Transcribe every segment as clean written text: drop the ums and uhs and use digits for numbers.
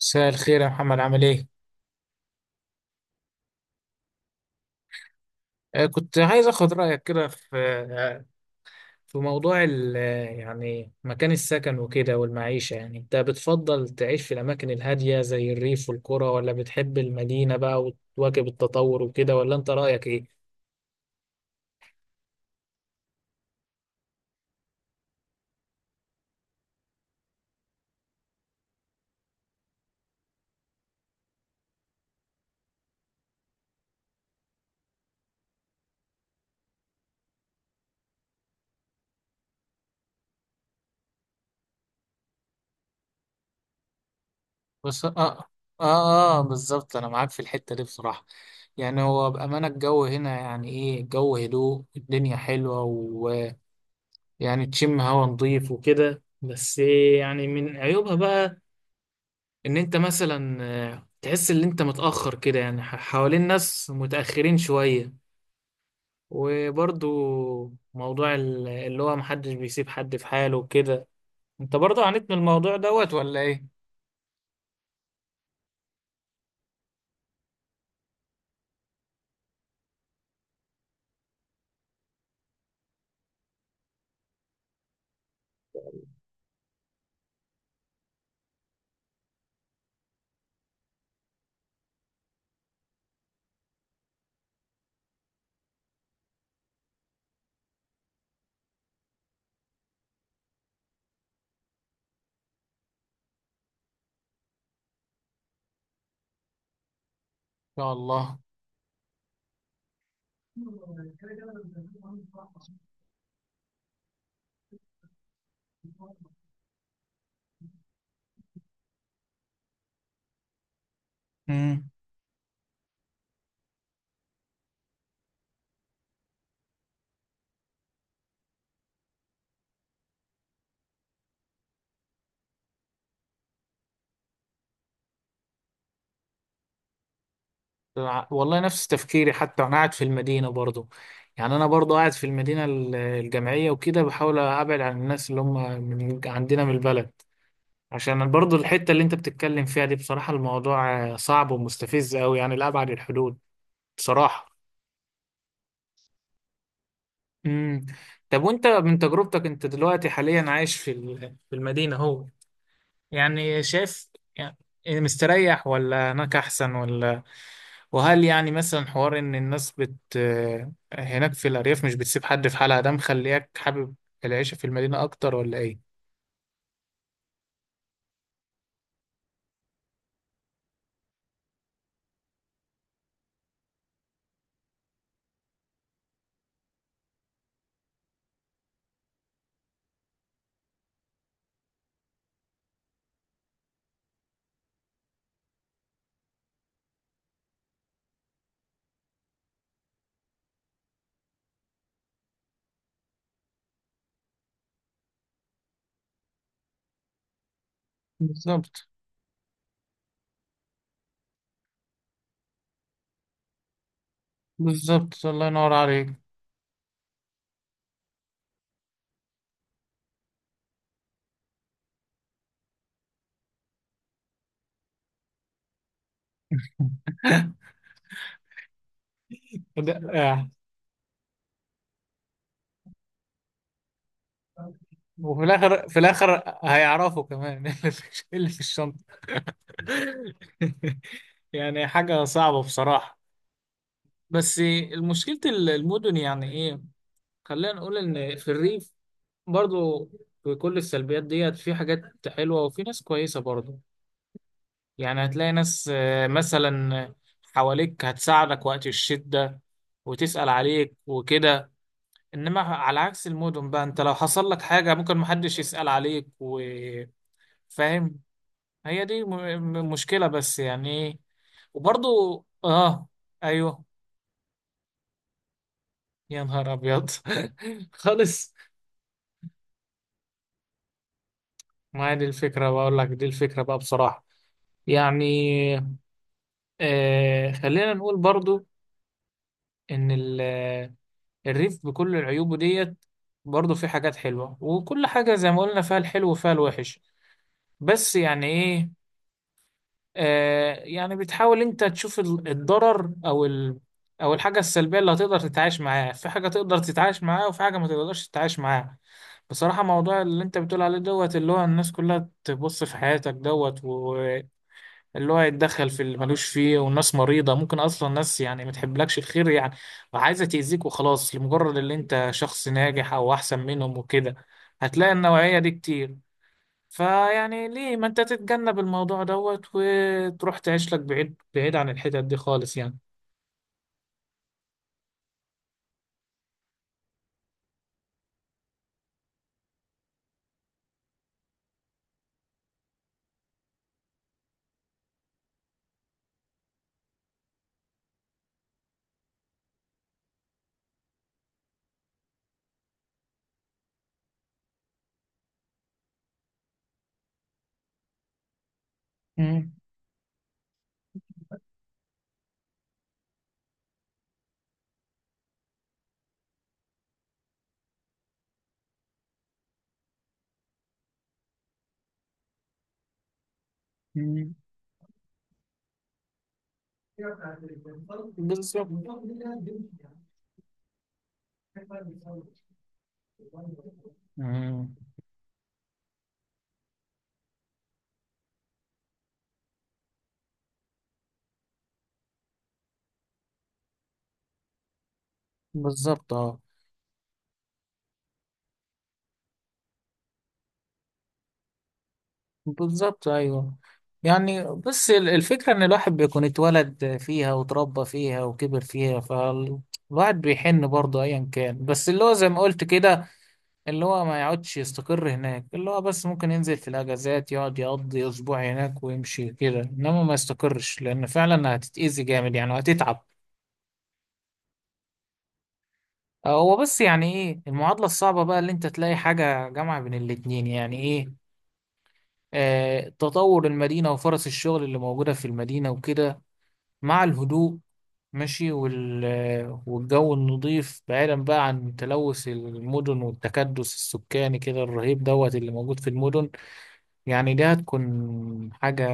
مساء الخير يا محمد، عامل ايه؟ كنت عايز اخد رأيك كده في آه، في موضوع يعني مكان السكن وكده والمعيشة. يعني انت بتفضل تعيش في الأماكن الهادية زي الريف والقرى، ولا بتحب المدينة بقى وتواكب التطور وكده، ولا انت رأيك ايه؟ بس اه، بالظبط انا معاك في الحتة دي بصراحة. يعني هو بأمانة الجو هنا، يعني ايه، الجو هدوء، الدنيا حلوة، ويعني تشم هوا نضيف وكده. بس يعني من عيوبها بقى ان انت مثلا، تحس ان انت متأخر كده، يعني حوالين ناس متأخرين شوية. وبرضو موضوع اللي هو محدش بيسيب حد في حاله وكده. انت برضو عانيت من الموضوع دوت ولا ايه؟ يا الله. امم، والله نفس تفكيري، حتى انا قاعد في المدينة برضو. يعني انا برضو قاعد في المدينة الجامعية وكده، بحاول ابعد عن الناس اللي هم من عندنا من البلد، عشان برضو الحتة اللي انت بتتكلم فيها دي بصراحة الموضوع صعب ومستفز قوي، يعني لأبعد الحدود بصراحة. امم. طب وانت من تجربتك، انت دلوقتي حاليا عايش في في المدينة اهو، يعني شايف، يعني مستريح ولا هناك احسن، ولا وهل يعني مثلا حوار ان الناس بت آه، هناك في الأرياف مش بتسيب حد في حالها، ده مخليك حابب العيشة في المدينة اكتر ولا ايه؟ بالظبط. بالظبط الله ينور عليك. ده آه. وفي الاخر، في الاخر هيعرفوا كمان، إيه اللي في الشنطه. يعني حاجه صعبه بصراحه. بس مشكله المدن، يعني ايه، خلينا نقول ان في الريف برضو، في كل السلبيات ديت، في حاجات حلوه وفي ناس كويسه برضو. يعني هتلاقي ناس، مثلا حواليك هتساعدك وقت الشده وتسأل عليك وكده، انما على عكس المدن بقى، انت لو حصل لك حاجة ممكن محدش يسأل عليك وفاهم. هي دي مشكلة، بس يعني ايه. وبرضو اه، ايوه. يا نهار ابيض. خالص. ما هي دي الفكرة، بقول لك دي الفكرة بقى بصراحة. يعني آه، خلينا نقول برضو ان الريف بكل عيوبه ديت، برضو في حاجات حلوة، وكل حاجة زي ما قلنا فيها الحلو وفيها الوحش، بس يعني ايه. يعني بتحاول انت تشوف الضرر او ال... او الحاجه السلبيه اللي هتقدر تتعايش معاها، في حاجه تقدر تتعايش معاها وفي حاجه ما تقدرش تتعايش معاها. بصراحه موضوع اللي انت بتقول عليه دوت، اللي هو الناس كلها تبص في حياتك دوت، واللي هو يتدخل في اللي ملوش فيه، والناس مريضه، ممكن اصلا ناس يعني ما تحبلكش الخير، يعني وعايزه تاذيك وخلاص لمجرد اللي انت شخص ناجح او احسن منهم وكده. هتلاقي النوعيه دي كتير. فيعني ليه ما انت تتجنب الموضوع دوت، وتروح تعيش لك بعيد، بعيد عن الحتت دي خالص يعني. مم. مم. بالظبط. مم. بالظبط اه. بالظبط ايوه. يعني بس الفكرة ان الواحد بيكون اتولد فيها وتربى فيها وكبر فيها، فالواحد بيحن برضه ايا كان، بس اللي هو زي ما قلت كده، اللي هو ما يقعدش يستقر هناك، اللي هو بس ممكن ينزل في الأجازات، يقعد يقضي أسبوع هناك ويمشي كده، إنما ما يستقرش، لأن فعلا هتتأذي جامد يعني وهتتعب. هو بس يعني إيه المعادلة الصعبة بقى، اللي أنت تلاقي حاجة جامعة بين الاتنين، يعني إيه، آه تطور المدينة وفرص الشغل اللي موجودة في المدينة وكده، مع الهدوء ماشي، والجو النظيف، بعيدا بقى عن تلوث المدن والتكدس السكاني كده الرهيب دوت اللي موجود في المدن. يعني دي هتكون حاجة،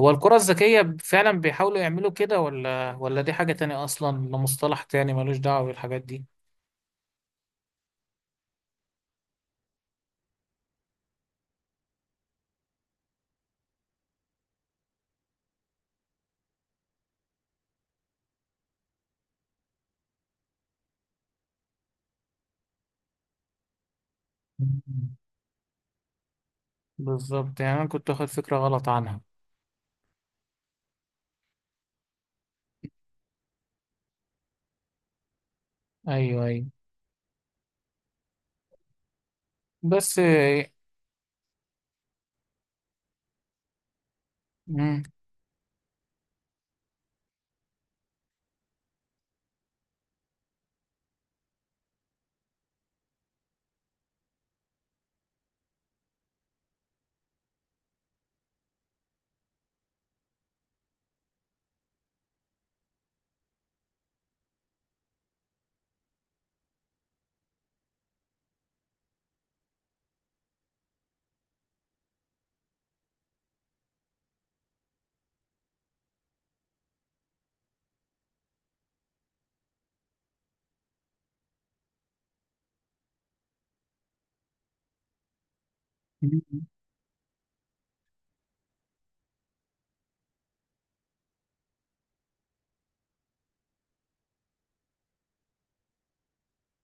هو الكرة الذكية فعلا بيحاولوا يعملوا كده، ولا دي حاجة تانية أصلا، ده مصطلح تاني ملوش دعوة بالحاجات دي؟ مم. بالظبط، يعني أنا كنت واخد فكرة غلط عنها. أيوه أيوه. بس مم.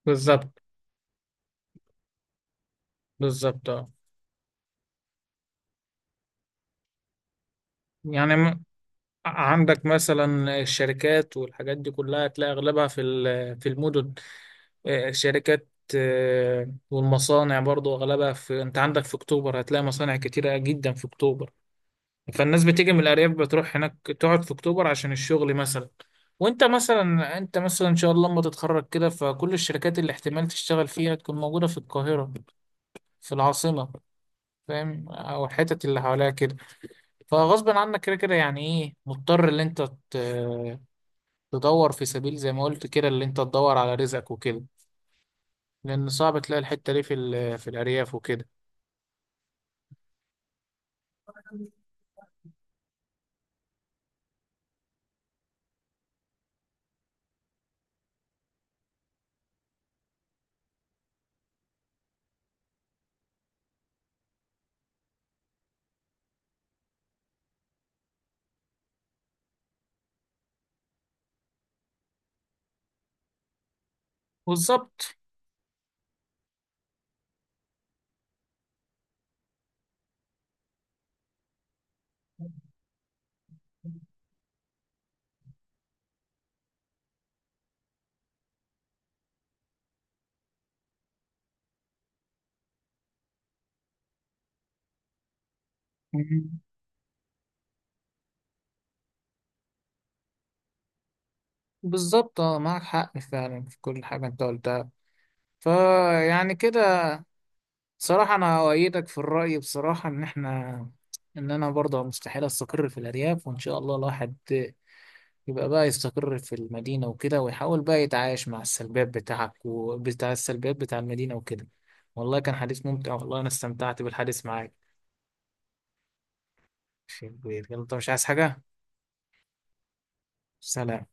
بالظبط. بالظبط اه. يعني عندك مثلا الشركات والحاجات دي كلها هتلاقي أغلبها في في المدن. الشركات، والمصانع برضو أغلبها في، أنت عندك في أكتوبر هتلاقي مصانع كتيرة جدا في أكتوبر. فالناس بتيجي من الأرياف بتروح هناك تقعد في أكتوبر عشان الشغل مثلا. وأنت مثلا، أنت مثلا إن شاء الله لما تتخرج كده، فكل الشركات اللي احتمال تشتغل فيها تكون موجودة في القاهرة، في العاصمة، فاهم، أو الحتت اللي حواليها كده. فغصب عنك كده كده، يعني إيه مضطر إن أنت ت- تدور في سبيل زي ما قلت كده، اللي أنت تدور على رزقك وكده، لأن صعب تلاقي الحتة دي في في الأرياف وكده. بالظبط. بالظبط اه، معك حق فعلا في كل حاجة انت قلتها. فيعني كده صراحة أنا أؤيدك في الرأي بصراحة، إن إحنا، إن أنا برضه مستحيل أستقر في الأرياف، وإن شاء الله الواحد يبقى بقى يستقر في المدينة وكده، ويحاول بقى يتعايش مع السلبيات بتاعك وبتاع السلبيات بتاع المدينة وكده. والله كان حديث ممتع، والله أنا استمتعت بالحديث معاك. شيء كبير. يلا أنت مش عايز حاجة؟ سلام.